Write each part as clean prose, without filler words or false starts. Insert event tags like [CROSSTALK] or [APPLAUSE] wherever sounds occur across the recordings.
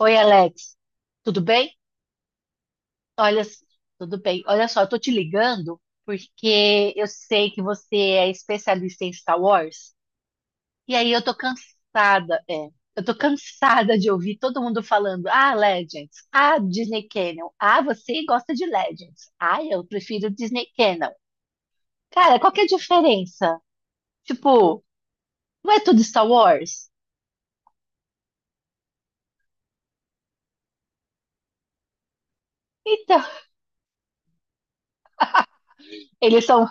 Oi, Alex, tudo bem? Olha, tudo bem. Olha só, eu tô te ligando porque eu sei que você é especialista em Star Wars. E aí eu tô cansada, é. Eu tô cansada de ouvir todo mundo falando: "Ah, Legends. Ah, Disney Canon. Ah, você gosta de Legends. Ah, eu prefiro Disney Canon." Cara, qual que é a diferença? Tipo, não é tudo Star Wars? Então, [LAUGHS] eles são,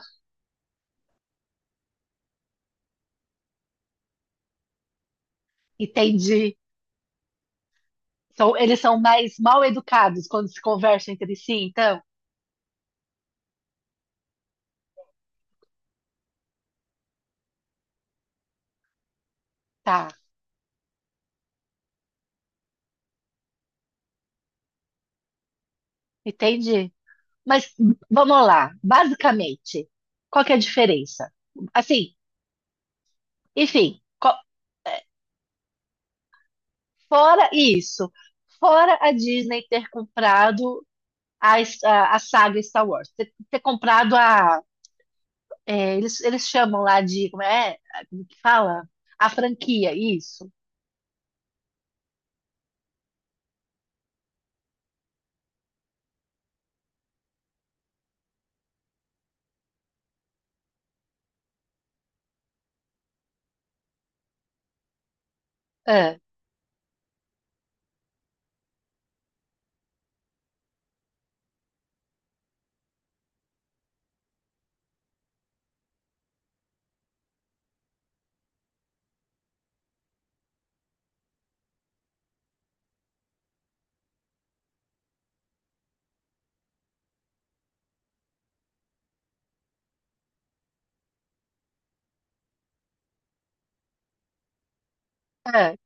entendi. São, eles são mais mal educados quando se conversam entre si, então. Tá, entendi. Mas vamos lá, basicamente, qual que é a diferença? Assim, enfim, é, fora isso, fora a Disney ter comprado a saga Star Wars, ter comprado eles chamam lá de, como é, como que fala? A franquia, isso. É, é.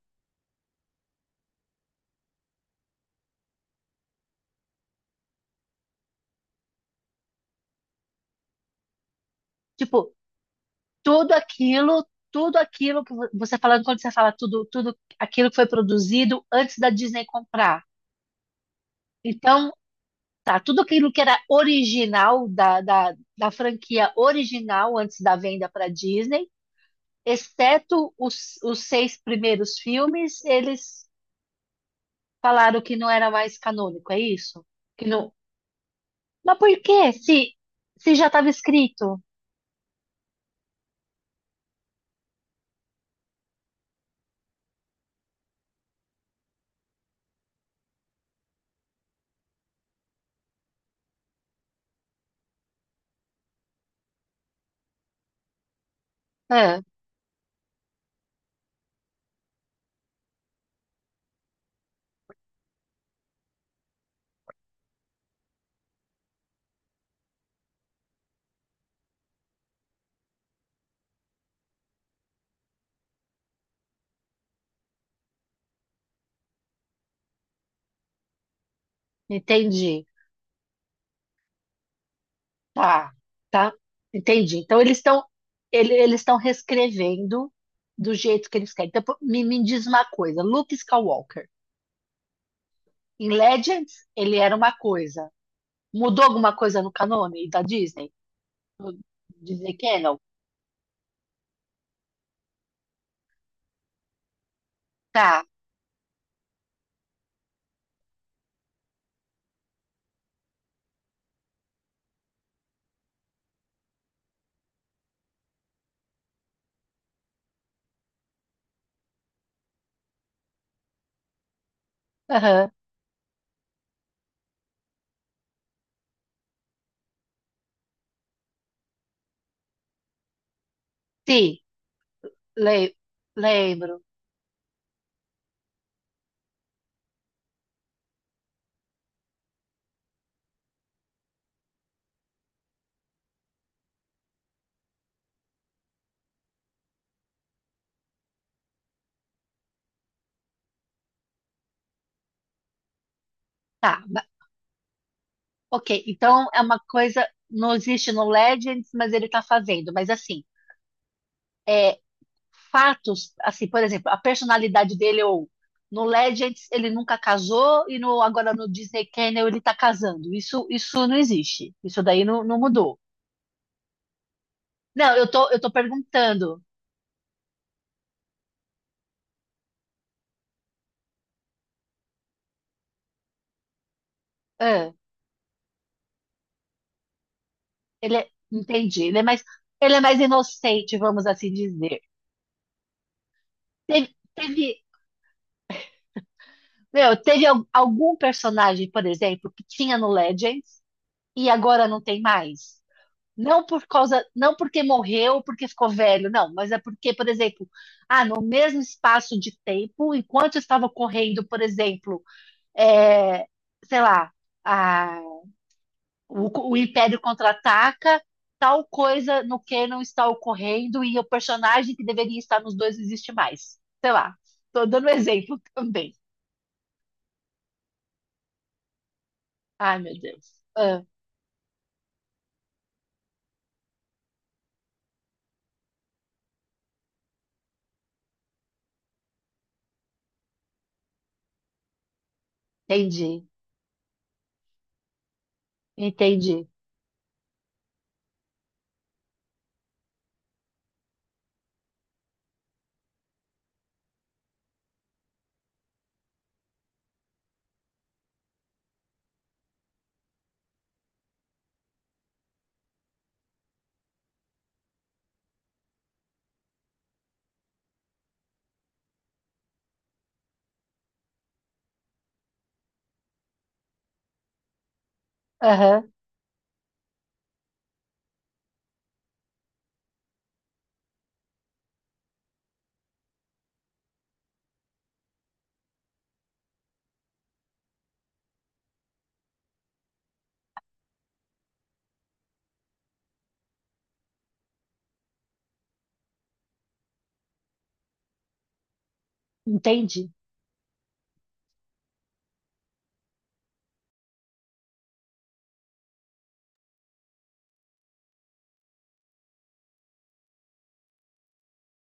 Tipo, tudo aquilo, tudo aquilo que você falando, quando você fala tudo, tudo aquilo que foi produzido antes da Disney comprar. Então, tá, tudo aquilo que era original da franquia original antes da venda para Disney, exceto os seis primeiros filmes, eles falaram que não era mais canônico, é isso? Que não... Mas por quê? Se já estava escrito. Ah, entendi. Tá, tá. Entendi. Então eles estão eles estão reescrevendo do jeito que eles querem. Então, pô, me diz uma coisa, Luke Skywalker. Em Legends, ele era uma coisa. Mudou alguma coisa no canone da Disney? Do Disney Channel? Tá. Aham. Sim. Le- lembro. Tá. ma- Ok. Então é uma coisa. Não existe no Legends, mas ele tá fazendo. Mas assim, é, fatos, assim, por exemplo, a personalidade dele ou no Legends ele nunca casou e no, agora no Disney Channel ele tá casando. Isso não existe. Isso daí não, não mudou. Não, eu tô perguntando. Ele é, entendi, ele é mais inocente, vamos assim dizer. Teve, teve, meu, teve algum personagem, por exemplo, que tinha no Legends e agora não tem mais. Não por causa, não porque morreu, porque ficou velho, não, mas é porque, por exemplo, ah, no mesmo espaço de tempo, enquanto estava correndo, por exemplo, é, sei lá, o Império contra-ataca, tal coisa no canon está ocorrendo e o personagem que deveria estar nos dois não existe mais. Sei lá, tô dando um exemplo também. Ai, meu Deus. Ah, entendi, entendi. Aham, entendi.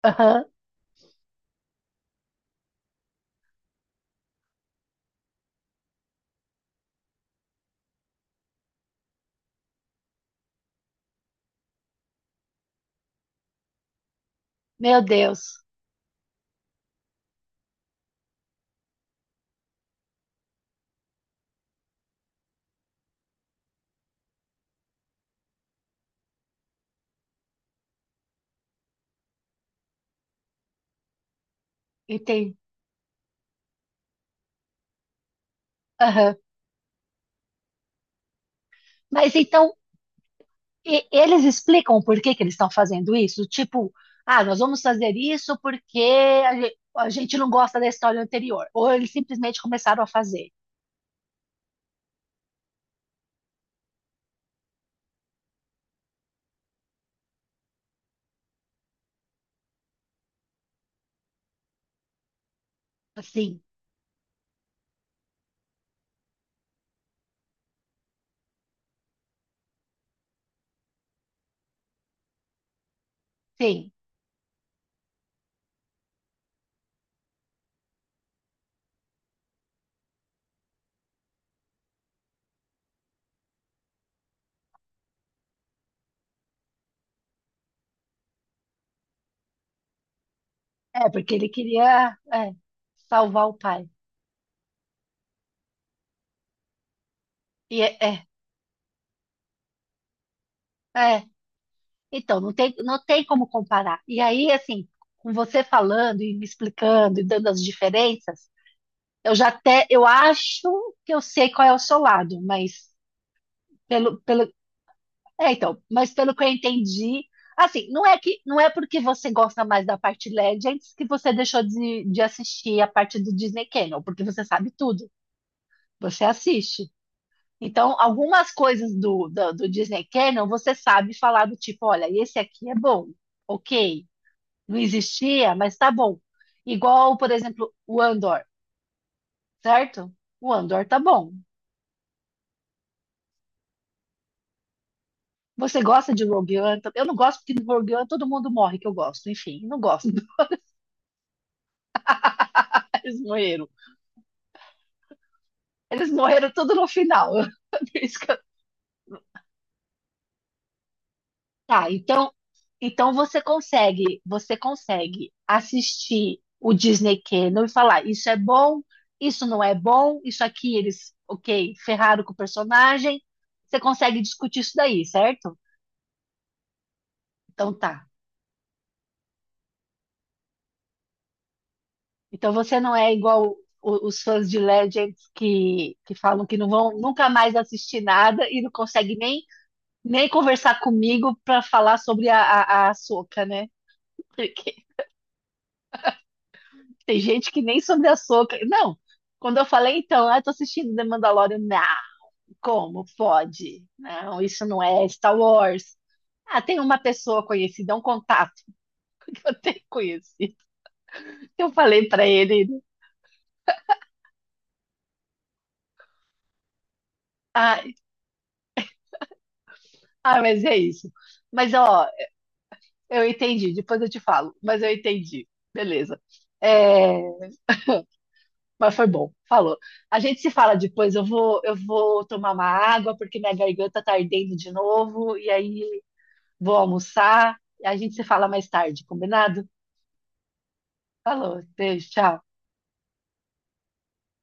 Aham, meu Deus, entendi. Aham. Mas então, eles explicam por que que eles estão fazendo isso? Tipo, ah, nós vamos fazer isso porque a gente não gosta da história anterior. Ou eles simplesmente começaram a fazer. Assim, sim. É, porque ele queria, é, salvar o pai. E é, é, é. Então, não tem, não tem como comparar. E aí, assim, com você falando e me explicando e dando as diferenças, eu já até, eu acho que eu sei qual é o seu lado, mas pelo, pelo, é, então, mas pelo que eu entendi, assim, não é que, não é porque você gosta mais da parte Legends que você deixou de assistir a parte do Disney Channel, porque você sabe tudo, você assiste. Então, algumas coisas do Disney Canon você sabe falar do tipo, olha, esse aqui é bom, ok, não existia, mas tá bom. Igual, por exemplo, o Andor, certo? O Andor tá bom. Você gosta de Rogue One? Eu não gosto porque no Rogue One todo mundo morre que eu gosto. Enfim, não gosto. [LAUGHS] Eles morreram. Eles morreram tudo no final. [LAUGHS] Por isso que tá, então, então você consegue assistir o Disney Channel e falar, isso é bom, isso não é bom, isso aqui eles, ok, ferraram com o personagem. Você consegue discutir isso daí, certo? Então tá. Então você não é igual os fãs de Legends que falam que não vão nunca mais assistir nada e não consegue nem, nem conversar comigo para falar sobre a Ahsoka, né? [LAUGHS] Tem gente que nem sobre açúcar. Não, quando eu falei, então, ah, eu tô assistindo The Mandalorian, não, como pode? Não, isso não é Star Wars. Ah, tem uma pessoa conhecida, é um contato [LAUGHS] que eu tenho conhecido. Eu falei pra ele, ah, ah, mas é isso. Mas, ó, eu entendi, depois eu te falo, mas eu entendi. Beleza. É, mas foi bom, falou. A gente se fala depois, eu vou tomar uma água, porque minha garganta tá ardendo de novo, e aí vou almoçar, a gente se fala mais tarde, combinado? Falou, beijo, tchau.